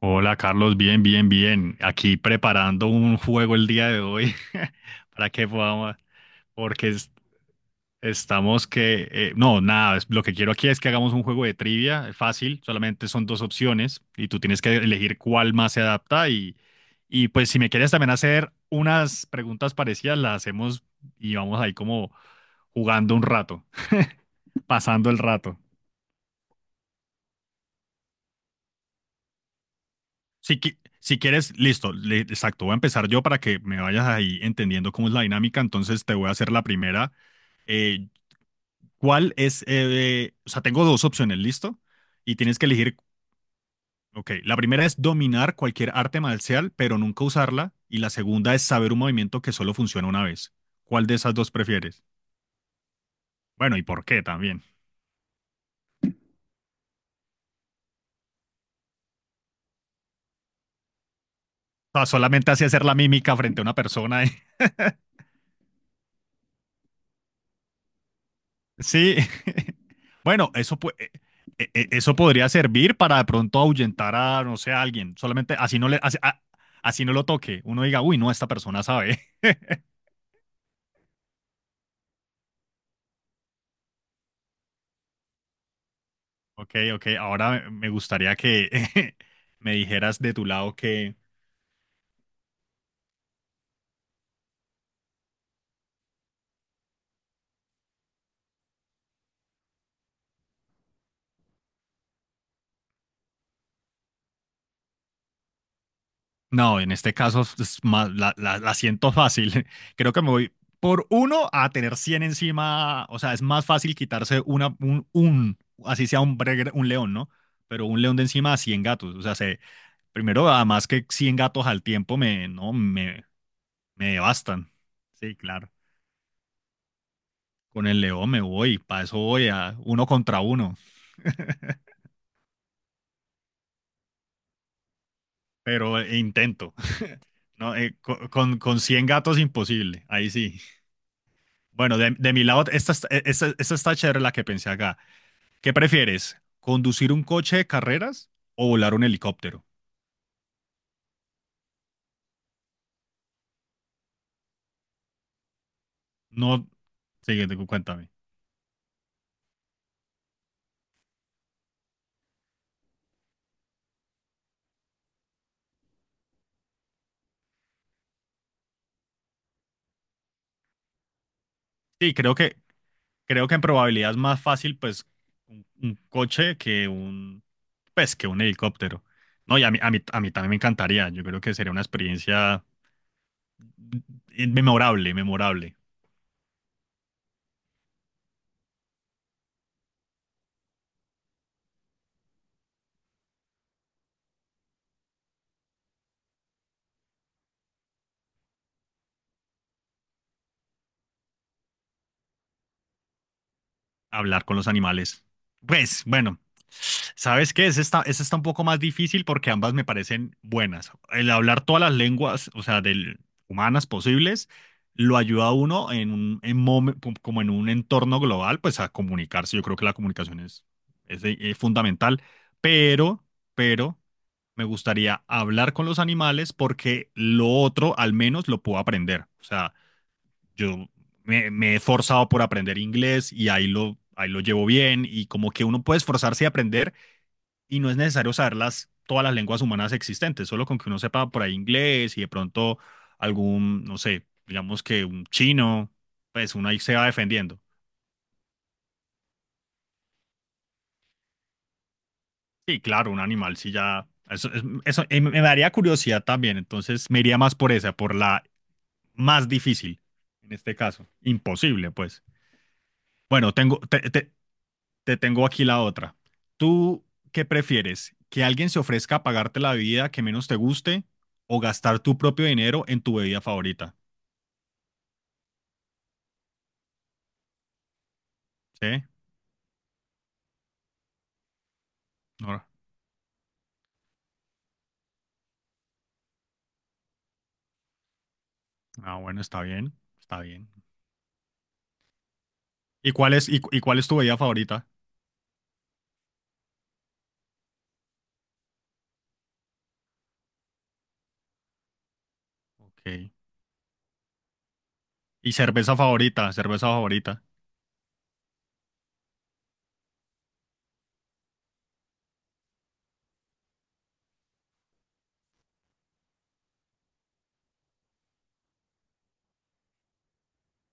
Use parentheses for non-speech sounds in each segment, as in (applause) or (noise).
Hola Carlos, bien, bien, bien. Aquí preparando un juego el día de hoy (laughs) para que podamos, porque es- estamos que, no, nada, es- lo que quiero aquí es que hagamos un juego de trivia fácil, solamente son dos opciones y tú tienes que elegir cuál más se adapta y pues si me quieres también hacer unas preguntas parecidas, las hacemos y vamos ahí como jugando un rato, (laughs) pasando el rato. Si, si quieres, listo, exacto, voy a empezar yo para que me vayas ahí entendiendo cómo es la dinámica, entonces te voy a hacer la primera. Eh, ¿Cuál es? O sea, tengo dos opciones, ¿listo? Y tienes que elegir, ok, la primera es dominar cualquier arte marcial, pero nunca usarla, y la segunda es saber un movimiento que solo funciona una vez. ¿Cuál de esas dos prefieres? Bueno, ¿y por qué también? O sea, solamente así hacer la mímica frente a una persona. (laughs) Sí, (laughs) bueno, eso, eso podría servir para de pronto ahuyentar a, no sé, a alguien. Solamente así no le, así, así no lo toque. Uno diga, uy, no, esta persona sabe. (laughs) Ok, ok, ahora me gustaría que (laughs) me dijeras de tu lado que, no, en este caso es más, la siento fácil. (laughs) Creo que me voy por uno a tener 100 encima. O sea, es más fácil quitarse un así sea un, un león, ¿no? Pero un león de encima a 100 gatos. O sea, primero, además que 100 gatos al tiempo me, no, me devastan. Sí, claro. Con el león me voy, para eso voy a uno contra uno, (laughs) pero intento. No, con 100 gatos imposible, ahí sí. Bueno, de mi lado, esta está chévere la que pensé acá. ¿Qué prefieres? ¿Conducir un coche de carreras o volar un helicóptero? No, sí, cuéntame. Sí, creo que, Creo que en probabilidad es más fácil, pues, un coche que un, pues, que un helicóptero. No, y a mí también me encantaría. Yo creo que sería una experiencia memorable, memorable. Hablar con los animales. Pues, bueno, ¿sabes qué? Ese está un poco más difícil porque ambas me parecen buenas. El hablar todas las lenguas, o sea, del, humanas posibles, lo ayuda a uno en un, en como en un entorno global, pues a comunicarse. Yo creo que la comunicación es, fundamental, pero, pero me gustaría hablar con los animales porque lo otro al menos lo puedo aprender. O sea, yo me he esforzado por aprender inglés y ahí lo llevo bien y como que uno puede esforzarse y aprender y no es necesario saber las, todas las lenguas humanas existentes, solo con que uno sepa por ahí inglés y de pronto algún, no sé, digamos que un chino, pues uno ahí se va defendiendo. Sí, claro, un animal sí ya... Eso, eso me daría curiosidad también, entonces me iría más por esa, por la más difícil en este caso. Imposible, pues. Bueno, tengo, te, te, Te tengo aquí la otra. ¿Tú qué prefieres? ¿Que alguien se ofrezca a pagarte la bebida que menos te guste o gastar tu propio dinero en tu bebida favorita? ¿Sí? No, ah, bueno, está bien, está bien. ¿Y cuál es, y cuál es tu bebida favorita? Ok. ¿Y cerveza favorita? ¿Cerveza favorita?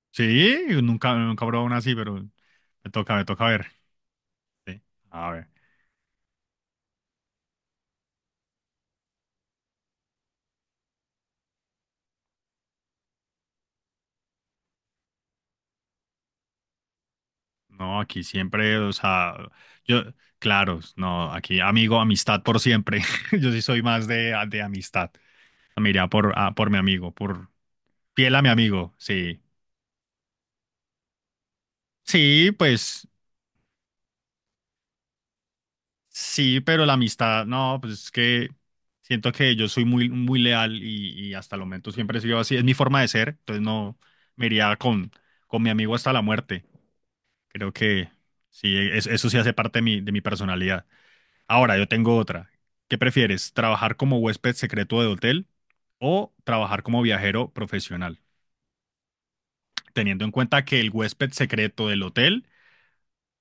Sí, nunca, nunca he probado una así, pero me toca ver. Sí. A ver. No, aquí siempre, o sea, yo, claro, no, aquí amigo, amistad por siempre. (laughs) Yo sí soy más de amistad. Me iría por, por mi amigo, por fiel a mi amigo, sí. Sí, pues sí, pero la amistad, no, pues es que siento que yo soy muy, muy leal y hasta el momento siempre he sido así, es mi forma de ser, entonces no me iría con mi amigo hasta la muerte. Creo que sí, eso sí hace parte de mi personalidad. Ahora, yo tengo otra. ¿Qué prefieres? ¿Trabajar como huésped secreto de hotel o trabajar como viajero profesional? Teniendo en cuenta que el huésped secreto del hotel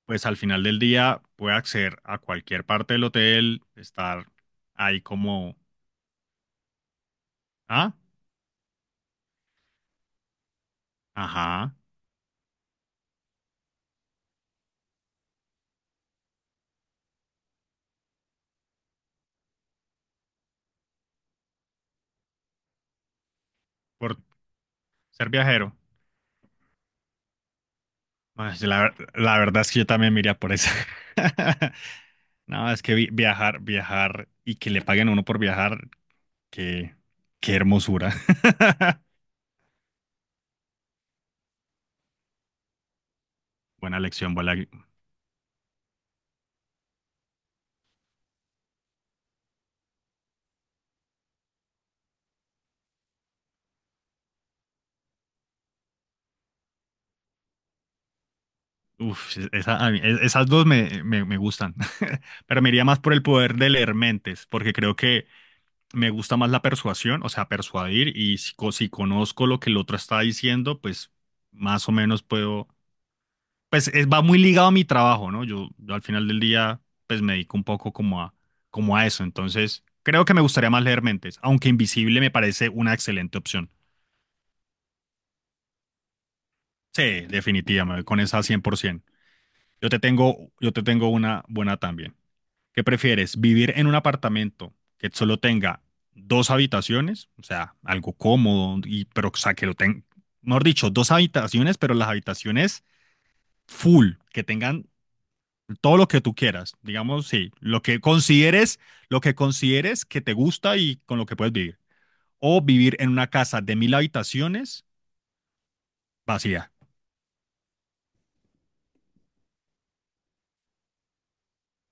pues al final del día puede acceder a cualquier parte del hotel, estar ahí como, ah, ajá, por ser viajero. Ay, sí, la verdad es que yo también me iría por eso. (laughs) No, es que viajar, viajar y que le paguen a uno por viajar, qué, qué hermosura. (laughs) Buena lección, buena. Uf, esas dos me me gustan. (laughs) Pero me iría más por el poder de leer mentes, porque creo que me gusta más la persuasión, o sea, persuadir, y si, si conozco lo que el otro está diciendo, pues más o menos puedo, pues va muy ligado a mi trabajo, ¿no? Yo al final del día, pues me dedico un poco como a, como a eso, entonces creo que me gustaría más leer mentes, aunque Invisible me parece una excelente opción. Sí, definitivamente, con esa 100%. Yo te tengo una buena también. ¿Qué prefieres? ¿Vivir en un apartamento que solo tenga dos habitaciones? O sea, algo cómodo, y, pero o sea, que lo tenga, mejor dicho, dos habitaciones, pero las habitaciones full, que tengan todo lo que tú quieras, digamos, sí, lo que consideres que te gusta y con lo que puedes vivir. O vivir en una casa de mil habitaciones vacía.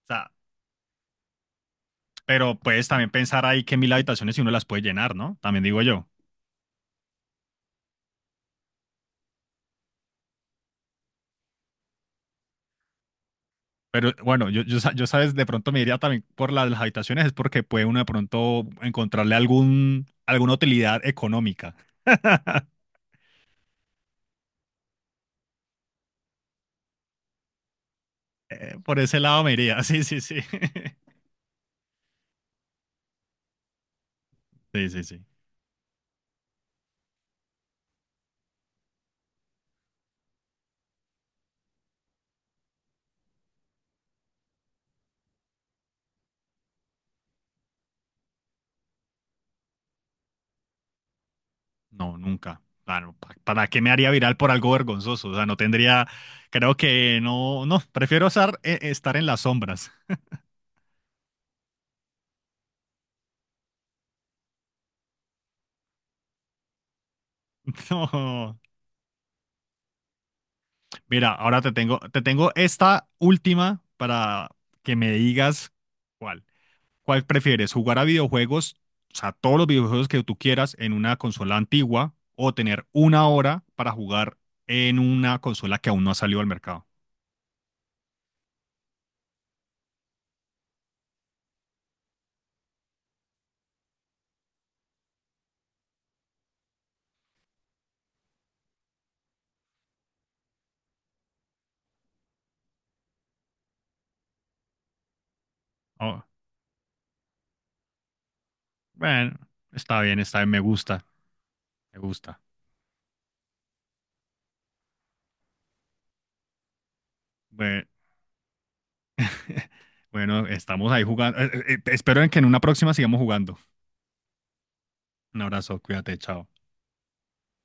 O sea, pero puedes también pensar ahí que mil habitaciones si uno las puede llenar, ¿no? También digo yo. Pero bueno, sabes, de pronto me iría también por la de las habitaciones, es porque puede uno de pronto encontrarle algún, alguna utilidad económica. Por ese lado me iría, (laughs) sí, sí, sí. (laughs) Sí, sí, sí. No, nunca. Claro, ¿para qué me haría viral por algo vergonzoso? O sea, no tendría, creo que no, no, prefiero estar, estar en las sombras. (laughs) No. Mira, te tengo esta última para que me digas cuál. ¿Cuál prefieres? ¿Jugar a videojuegos, o sea, todos los videojuegos que tú quieras en una consola antigua o tener una hora para jugar en una consola que aún no ha salido al mercado? Oh, bueno, está bien, me gusta, me gusta. Bueno, (laughs) bueno, estamos ahí jugando. Espero en que en una próxima sigamos jugando. Un abrazo, cuídate, chao.